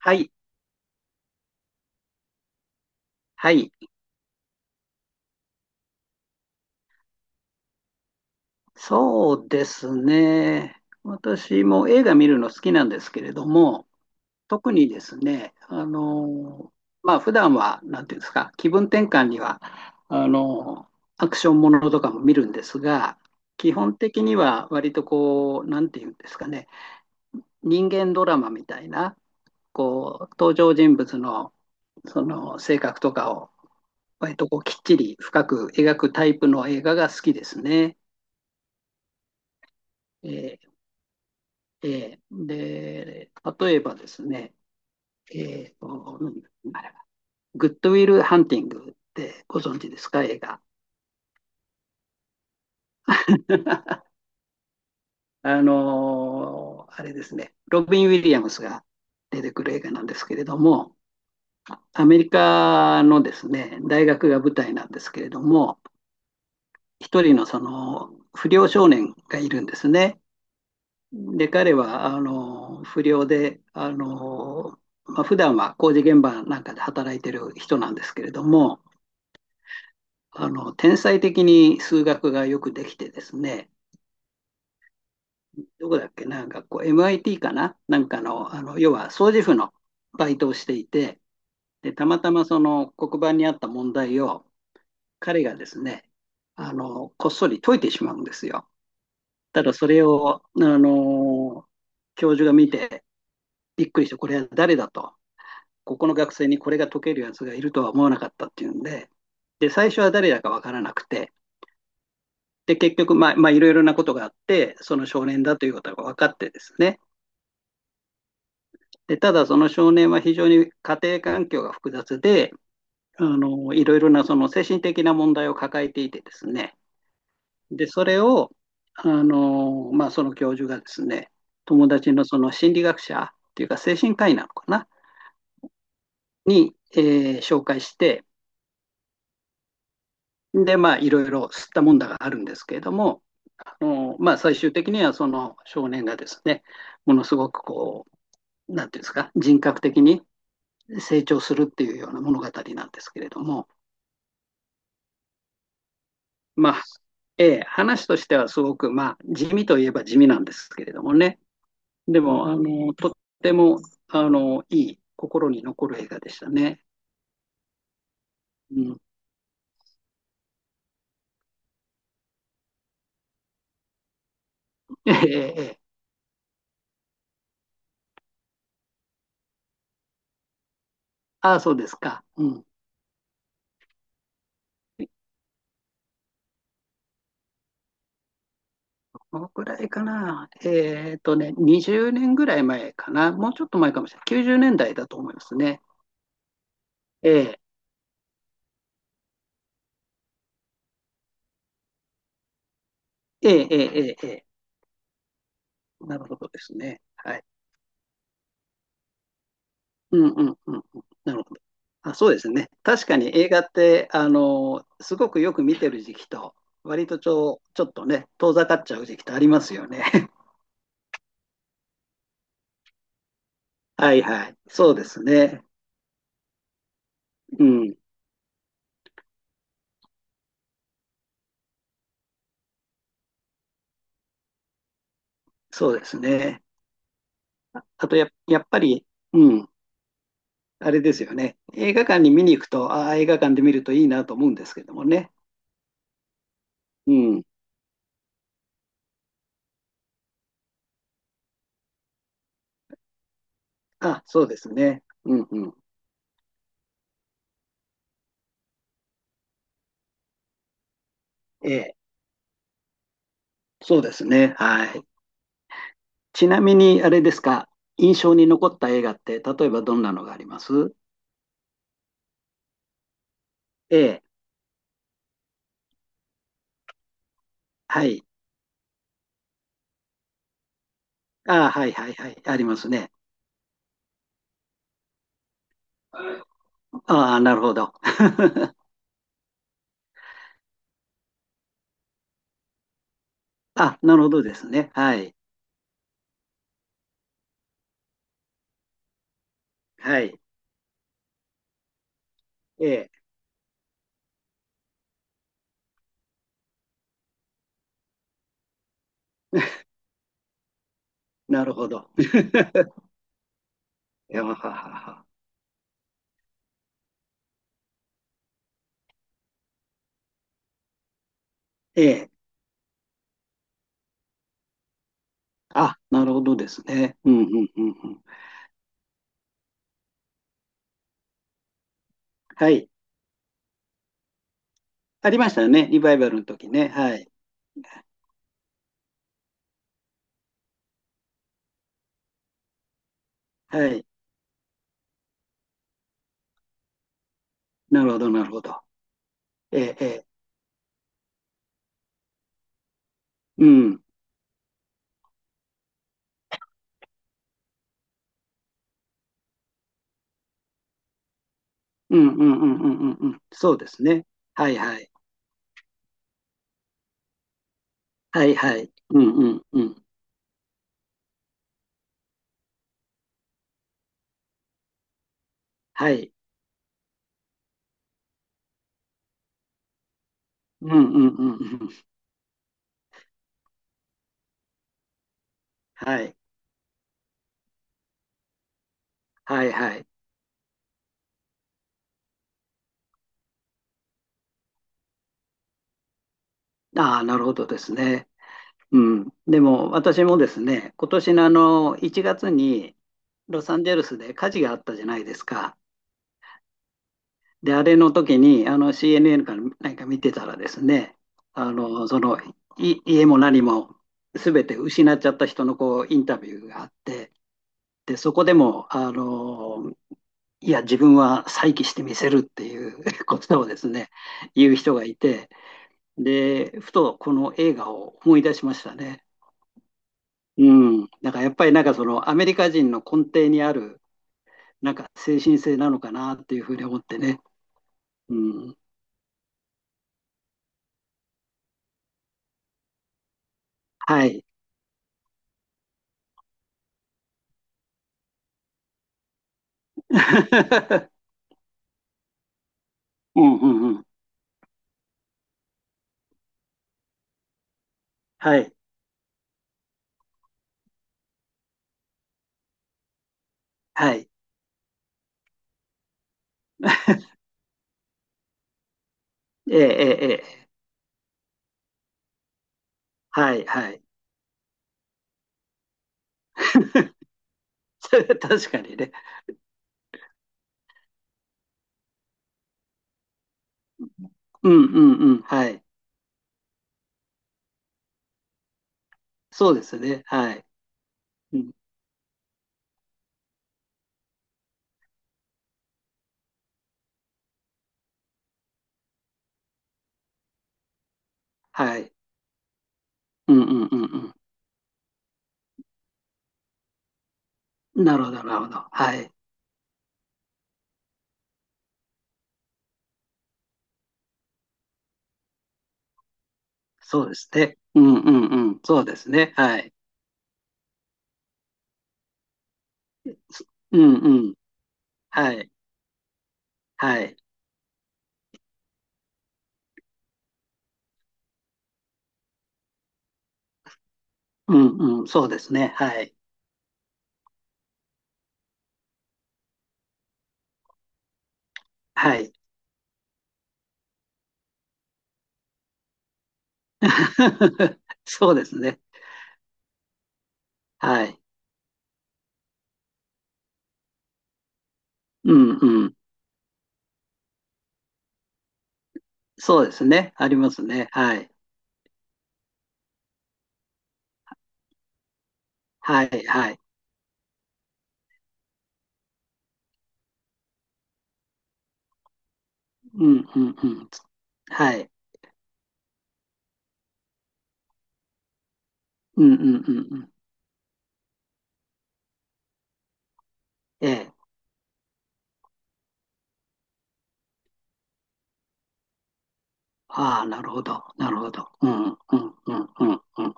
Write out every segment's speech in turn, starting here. はい、はい、そうですね。私も映画見るの好きなんですけれども、特にですね、普段は、なんていうんですか、気分転換には、あの、アクションものとかも見るんですが、基本的には割とこう、なんていうんですかね、人間ドラマみたいな、こう、登場人物の、その性格とかを、割とこう、きっちり深く描くタイプの映画が好きですね。えーえーで、例えばですね、何あれは、グッドウィル・ハンティングってご存知ですか、映画。あのーあれですね、ロビン・ウィリアムスが出てくる映画なんですけれども、アメリカのですね、大学が舞台なんですけれども、一人のその不良少年がいるんですね。で、彼は、不良で、普段は工事現場なんかで働いてる人なんですけれども、天才的に数学がよくできてですね、どこだっけな、学校、MIT かななんかの、要は掃除婦のバイトをしていて、で、たまたまその黒板にあった問題を、彼がですね、こっそり解いてしまうんですよ。ただそれを、教授が見て、びっくりして、これは誰だと。ここの学生にこれが解けるやつがいるとは思わなかったっていうんで、で、最初は誰だかわからなくて、で、結局、いろいろなことがあって、その少年だということが分かってですね。で、ただその少年は非常に家庭環境が複雑で、いろいろなその精神的な問題を抱えていてですね。で、それを、その教授がですね、友達のその心理学者っていうか精神科医なのかな、に、紹介して、で、まあ、いろいろ吸ったもんだがあるんですけれども、最終的にはその少年がですね、ものすごくこう、なんていうんですか、人格的に成長するっていうような物語なんですけれども、まあ、話としてはすごく、まあ、地味といえば地味なんですけれどもね、でも、とってもいい、心に残る映画でしたね。うん、ええええ、ああ、そうですか。うん、どのくらいかな。えっとね、20年ぐらい前かな。もうちょっと前かもしれない。90年代だいだと思いますね。ええええええええ、なるほどですね。はい。うんうんうんうん。なるほど。あ、そうですね。確かに映画って、すごくよく見てる時期と、割とちょっとね、遠ざかっちゃう時期とありますよね。はいはい。そうですね。うん。そうですね。ああとや、やっぱり、うん。あれですよね。映画館に見に行くと、ああ、映画館で見るといいなと思うんですけどもね。うん。あ、そうですね。うんうん。ええ、そうですね。はい。ちなみに、あれですか、印象に残った映画って、例えばどんなのがあります。ええ、はい。ああ、はいはいはい。ありますね。ああ、なるほど。あ、なるほどですね。はい。はい。ええ、なるほど。やはははは、ええ、あ、なるほどですね。うんうんうんうん。はい。ありましたよね。リバイバルの時ね。はい。はい。なるほど、なるほど。ええ、ええ。うん。うん、うん、うん、うん、うん。うん、そうですね。はい、はい。はい、はい。うん、うん、うん。はい。うん、うん、うん。うん、はい。はい、はい。ああ、なるほどですね。うん。でも、私もですね、今年のあの、1月にロサンゼルスで火事があったじゃないですか。で、あれの時に、あの CNN かなんか見てたらですね、あの、その、い家も何も全て失っちゃった人のこうインタビューがあって、で、そこでも、いや、自分は再起してみせるっていう ことをですね、言う人がいて、で、ふとこの映画を思い出しましたね。うん。だからやっぱりなんかそのアメリカ人の根底にある、なんか精神性なのかなっていうふうに思ってね。うん。はい。うんうんうん。はい、はい。ええ、ええ、ええ、はい、はい。それは確かにね。うんうんうん。はい。そうですね。はい。うん、はい。うんうんうんうん。なるほど、なるほど。はい。そうですね。うんうんうん。そうですね。はい。うんうん。はい。はい。うんうん。そうですね。はい。はい。そうですね。はい。うんうん。そうですね。ありますね。はい。はい。はい。うんうんうん。はい。うんうんうんうん。ええ。ああ、なるほど、なるほど。うん、うん、うん、うん、うん。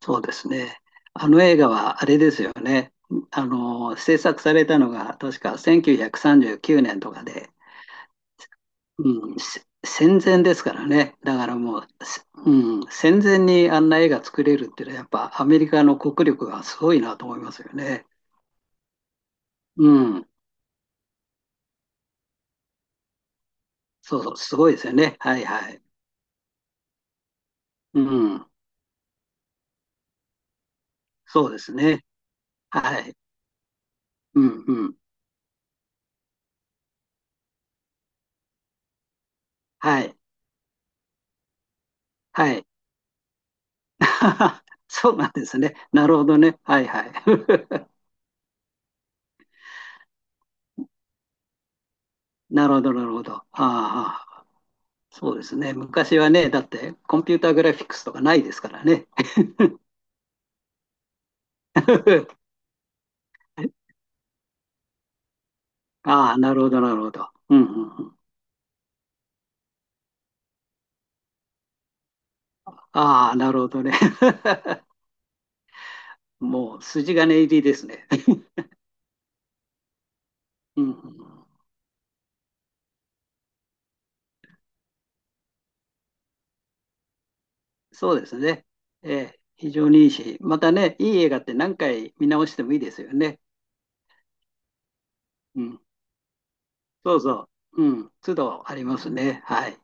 そうですね。あの映画はあれですよね。あの、制作されたのが確か1939年とかで、うん、戦前ですからね。だからもう、せうん、戦前にあんな映画作れるっていうのはやっぱアメリカの国力がすごいなと思いますよね。うん。そうそう、すごいですよね。はいはい。うん。そうですね。はい。うんうん。はい。はい。そうなんですね。なるほどね。はいはい。なるほど、なるほど。ああ、そうですね。昔はね、だってコンピューターグラフィックスとかないですからね。ああ、なるほど、なるほど。うんうんうん。ああ、なるほどね。もう筋金入りですね。うんうん、そうですね。ええ、非常にいいし、またね、いい映画って何回見直してもいいですよね。うん、そうそう。うん、都度ありますね。はい。